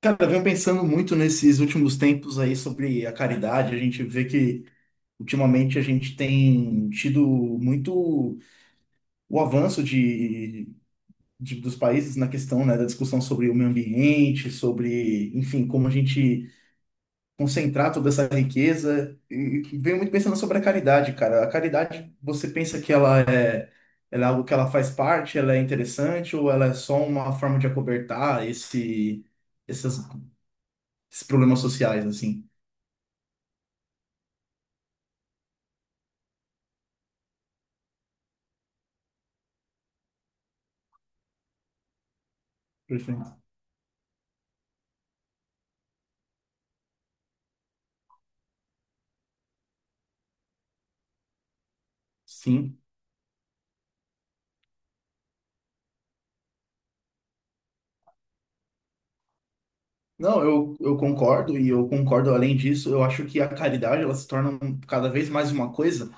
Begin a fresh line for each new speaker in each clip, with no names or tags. Cara, eu venho pensando muito nesses últimos tempos aí sobre a caridade. A gente vê que ultimamente a gente tem tido muito o avanço de, dos países na questão, né, da discussão sobre o meio ambiente, sobre, enfim, como a gente concentrar toda essa riqueza. E venho muito pensando sobre a caridade, cara. A caridade, você pensa que ela é algo que ela faz parte, ela é interessante ou ela é só uma forma de acobertar esse, essas- esses problemas sociais, assim? Perfeito. Sim. Não, eu concordo e eu concordo além disso, eu acho que a caridade ela se torna cada vez mais uma coisa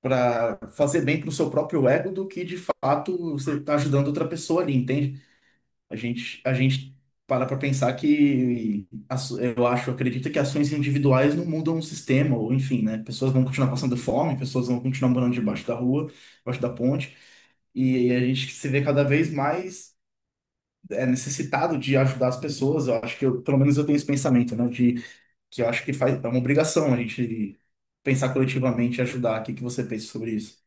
para fazer bem para o seu próprio ego do que de fato você está ajudando outra pessoa ali, entende? A gente para pensar que eu acho, acredito que ações individuais não mudam o sistema, ou enfim, né? Pessoas vão continuar passando fome, pessoas vão continuar morando debaixo da rua, debaixo da ponte, e, a gente se vê cada vez mais necessitado de ajudar as pessoas. Eu acho que eu, pelo menos eu tenho esse pensamento, né? De que eu acho que faz, é uma obrigação a gente pensar coletivamente e ajudar. O que que você pensa sobre isso?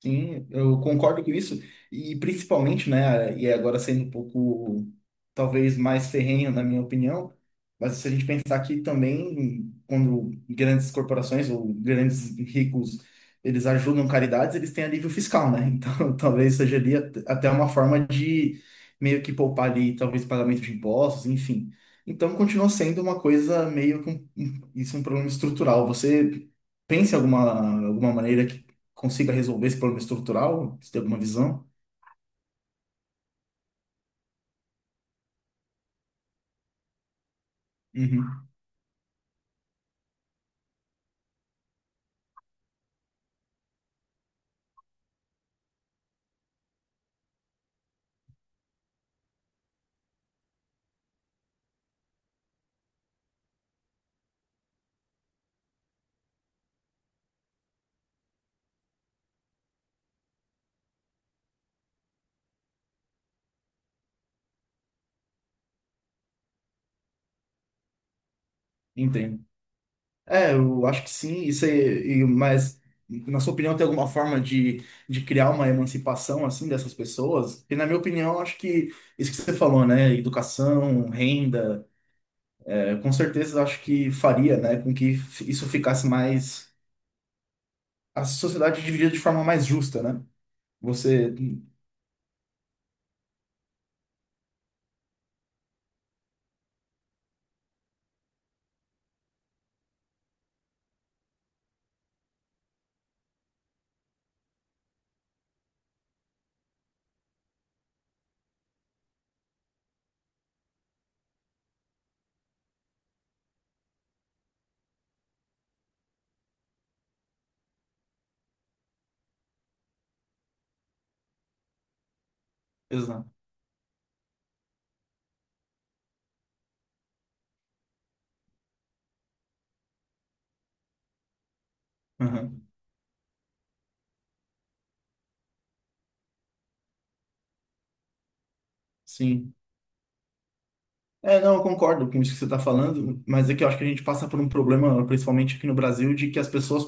Sim, eu concordo com isso. E principalmente, né, e agora sendo um pouco, talvez, mais ferrenho, na minha opinião, mas se a gente pensar que também, quando grandes corporações ou grandes ricos, eles ajudam caridades, eles têm alívio fiscal, né? Então, talvez seja ali até uma forma de meio que poupar ali, talvez, pagamento de impostos, enfim. Então, continua sendo uma coisa meio que um, isso é um problema estrutural. Você pensa em alguma, alguma maneira consiga resolver esse problema estrutural? Você tem alguma visão? Uhum, entendo. É, eu acho que sim, isso aí, mas na sua opinião tem alguma forma de criar uma emancipação assim dessas pessoas? E na minha opinião, eu acho que isso que você falou, né, educação, renda, é, com certeza eu acho que faria, né, com que isso ficasse mais a sociedade dividida de forma mais justa, né? Você, exato. Uhum, sim. É, não, eu concordo com isso que você está falando, mas é que eu acho que a gente passa por um problema, principalmente aqui no Brasil, de que as pessoas,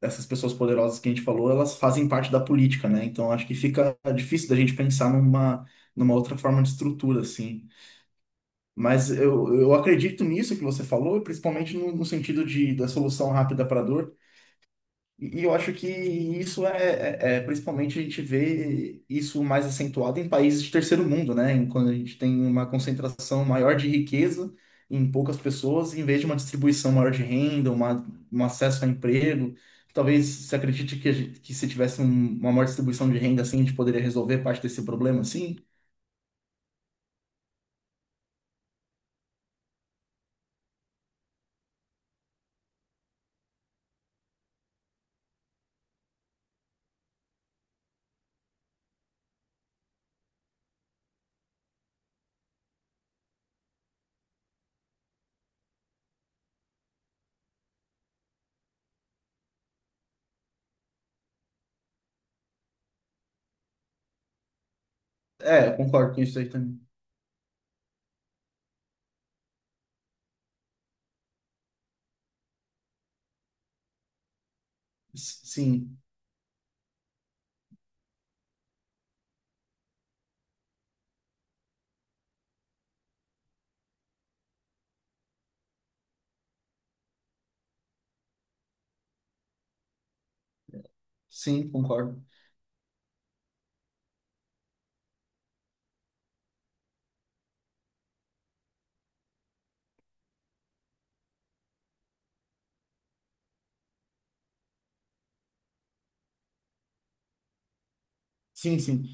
essas pessoas poderosas que a gente falou, elas fazem parte da política, né? Então acho que fica difícil da gente pensar numa, numa outra forma de estrutura, assim. Mas eu acredito nisso que você falou, principalmente no, no sentido de, da solução rápida para a dor. E eu acho que isso é, principalmente a gente vê isso mais acentuado em países de terceiro mundo, né? Quando a gente tem uma concentração maior de riqueza em poucas pessoas, em vez de uma distribuição maior de renda, uma, um acesso a emprego. Talvez se acredite que, que se tivesse uma maior distribuição de renda assim, a gente poderia resolver parte desse problema, sim. É, eu concordo com isso aí também. Sim, sim, concordo. Sim, sim.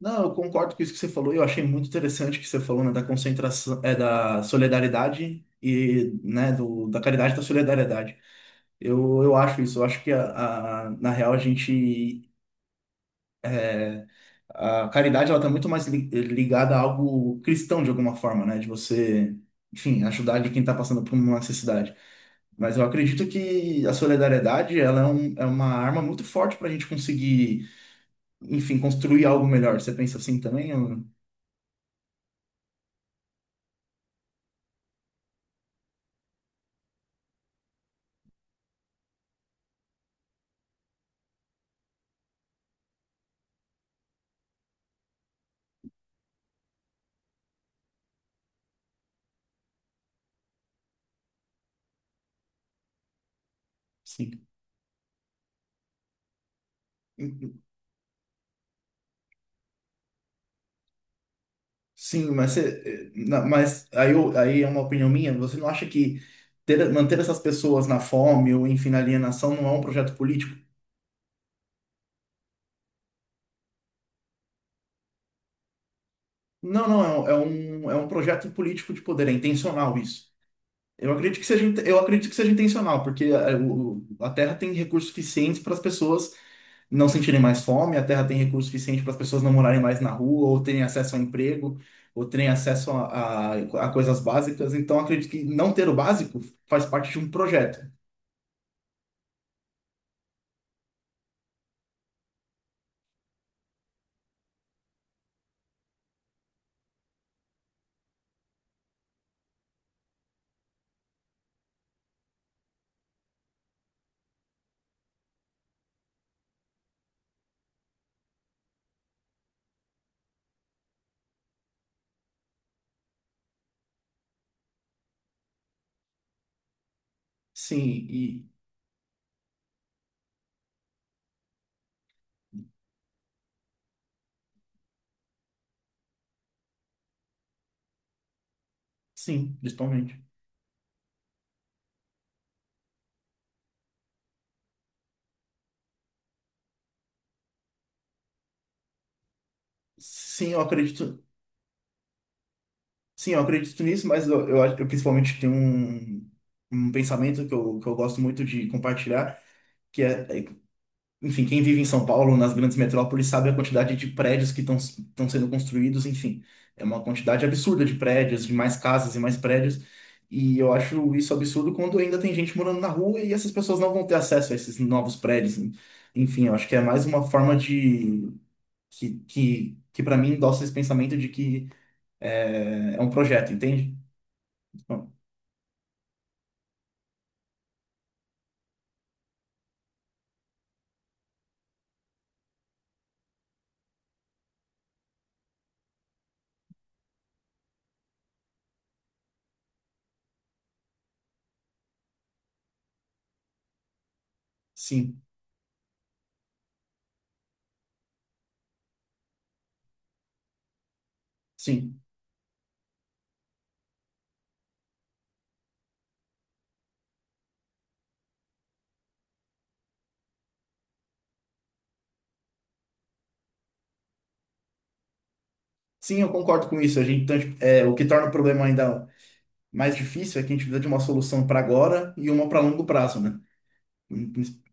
Não, eu concordo com isso que você falou. Eu achei muito interessante o que você falou, né, da concentração, é, da solidariedade e, né, do, da caridade e da solidariedade. Eu acho isso. Eu acho que, a, na real, a gente é, a caridade ela está muito mais ligada a algo cristão de alguma forma, né? De você, enfim, ajudar de quem está passando por uma necessidade. Mas eu acredito que a solidariedade ela é, é uma arma muito forte para a gente conseguir, enfim, construir algo melhor. Você pensa assim também? Ou- Sim. Sim, mas, você, mas aí, aí é uma opinião minha. Você não acha que manter essas pessoas na fome ou, enfim, na alienação não é um projeto político? Não, não, é, um, é um projeto político de poder, é intencional isso. Eu acredito que seja, eu acredito que seja intencional, porque a Terra tem recursos suficientes para as pessoas não sentirem mais fome, a Terra tem recursos suficientes para as pessoas não morarem mais na rua, ou terem acesso a emprego, ou terem acesso a, a coisas básicas. Então, acredito que não ter o básico faz parte de um projeto. Sim, e sim, principalmente. Sim, eu acredito. Sim, eu acredito nisso, mas eu, eu principalmente tenho um, um pensamento que eu gosto muito de compartilhar, que é, é, enfim, quem vive em São Paulo, nas grandes metrópoles, sabe a quantidade de prédios que estão sendo construídos, enfim. É uma quantidade absurda de prédios, de mais casas e mais prédios. E eu acho isso absurdo quando ainda tem gente morando na rua e essas pessoas não vão ter acesso a esses novos prédios. Enfim, eu acho que é mais uma forma de que para mim endossa esse pensamento de que é, é um projeto, entende? Então, sim, sim. Sim, eu concordo com isso. A gente, então, tipo, é, o que torna o problema ainda mais difícil é que a gente precisa de uma solução para agora e uma para longo prazo, né?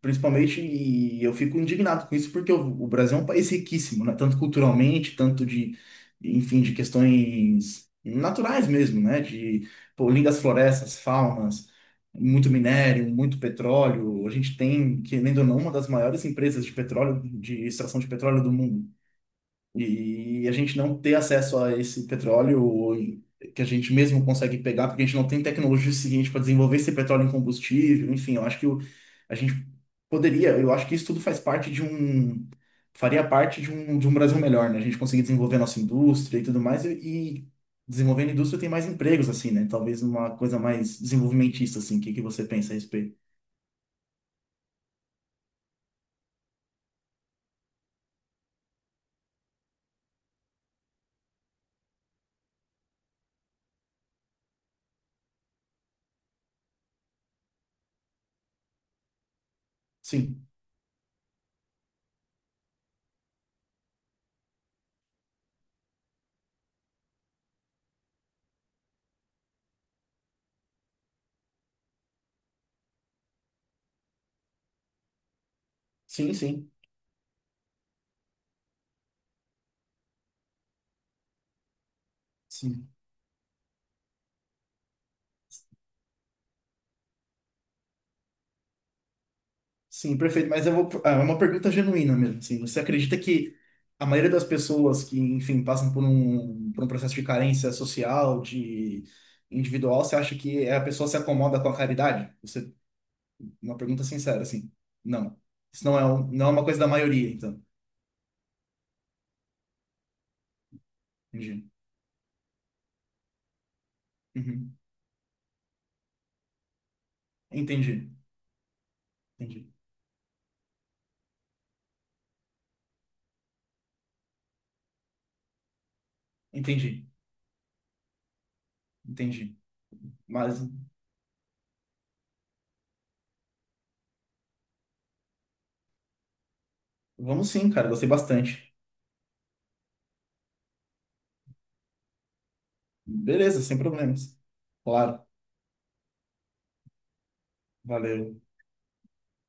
Principalmente, e eu fico indignado com isso, porque o Brasil é um país riquíssimo, né? Tanto culturalmente, tanto de, enfim, de questões naturais mesmo, né? De, pô, lindas florestas, faunas, muito minério, muito petróleo. A gente tem, querendo ou não, uma das maiores empresas de petróleo, de extração de petróleo do mundo. E a gente não ter acesso a esse petróleo que a gente mesmo consegue pegar, porque a gente não tem tecnologia suficiente para desenvolver esse petróleo em combustível. Enfim, eu acho que a gente poderia, eu acho que isso tudo faz parte de um, faria parte de um Brasil melhor, né? A gente conseguir desenvolver a nossa indústria e tudo mais, e desenvolvendo a indústria tem mais empregos, assim, né? Talvez uma coisa mais desenvolvimentista, assim. O que que você pensa a respeito? Sim, sim, sim, sim. Sim, perfeito. Mas eu vou. Ah, é uma pergunta genuína mesmo. Assim. Você acredita que a maioria das pessoas que, enfim, passam por um processo de carência social, de individual, você acha que a pessoa se acomoda com a caridade? Você, uma pergunta sincera, assim. Não. Isso não é, não é uma coisa da maioria, então. Entendi. Uhum. Entendi. Entendi. Entendi. Entendi. Mas vamos sim, cara. Gostei bastante. Beleza, sem problemas. Claro. Valeu.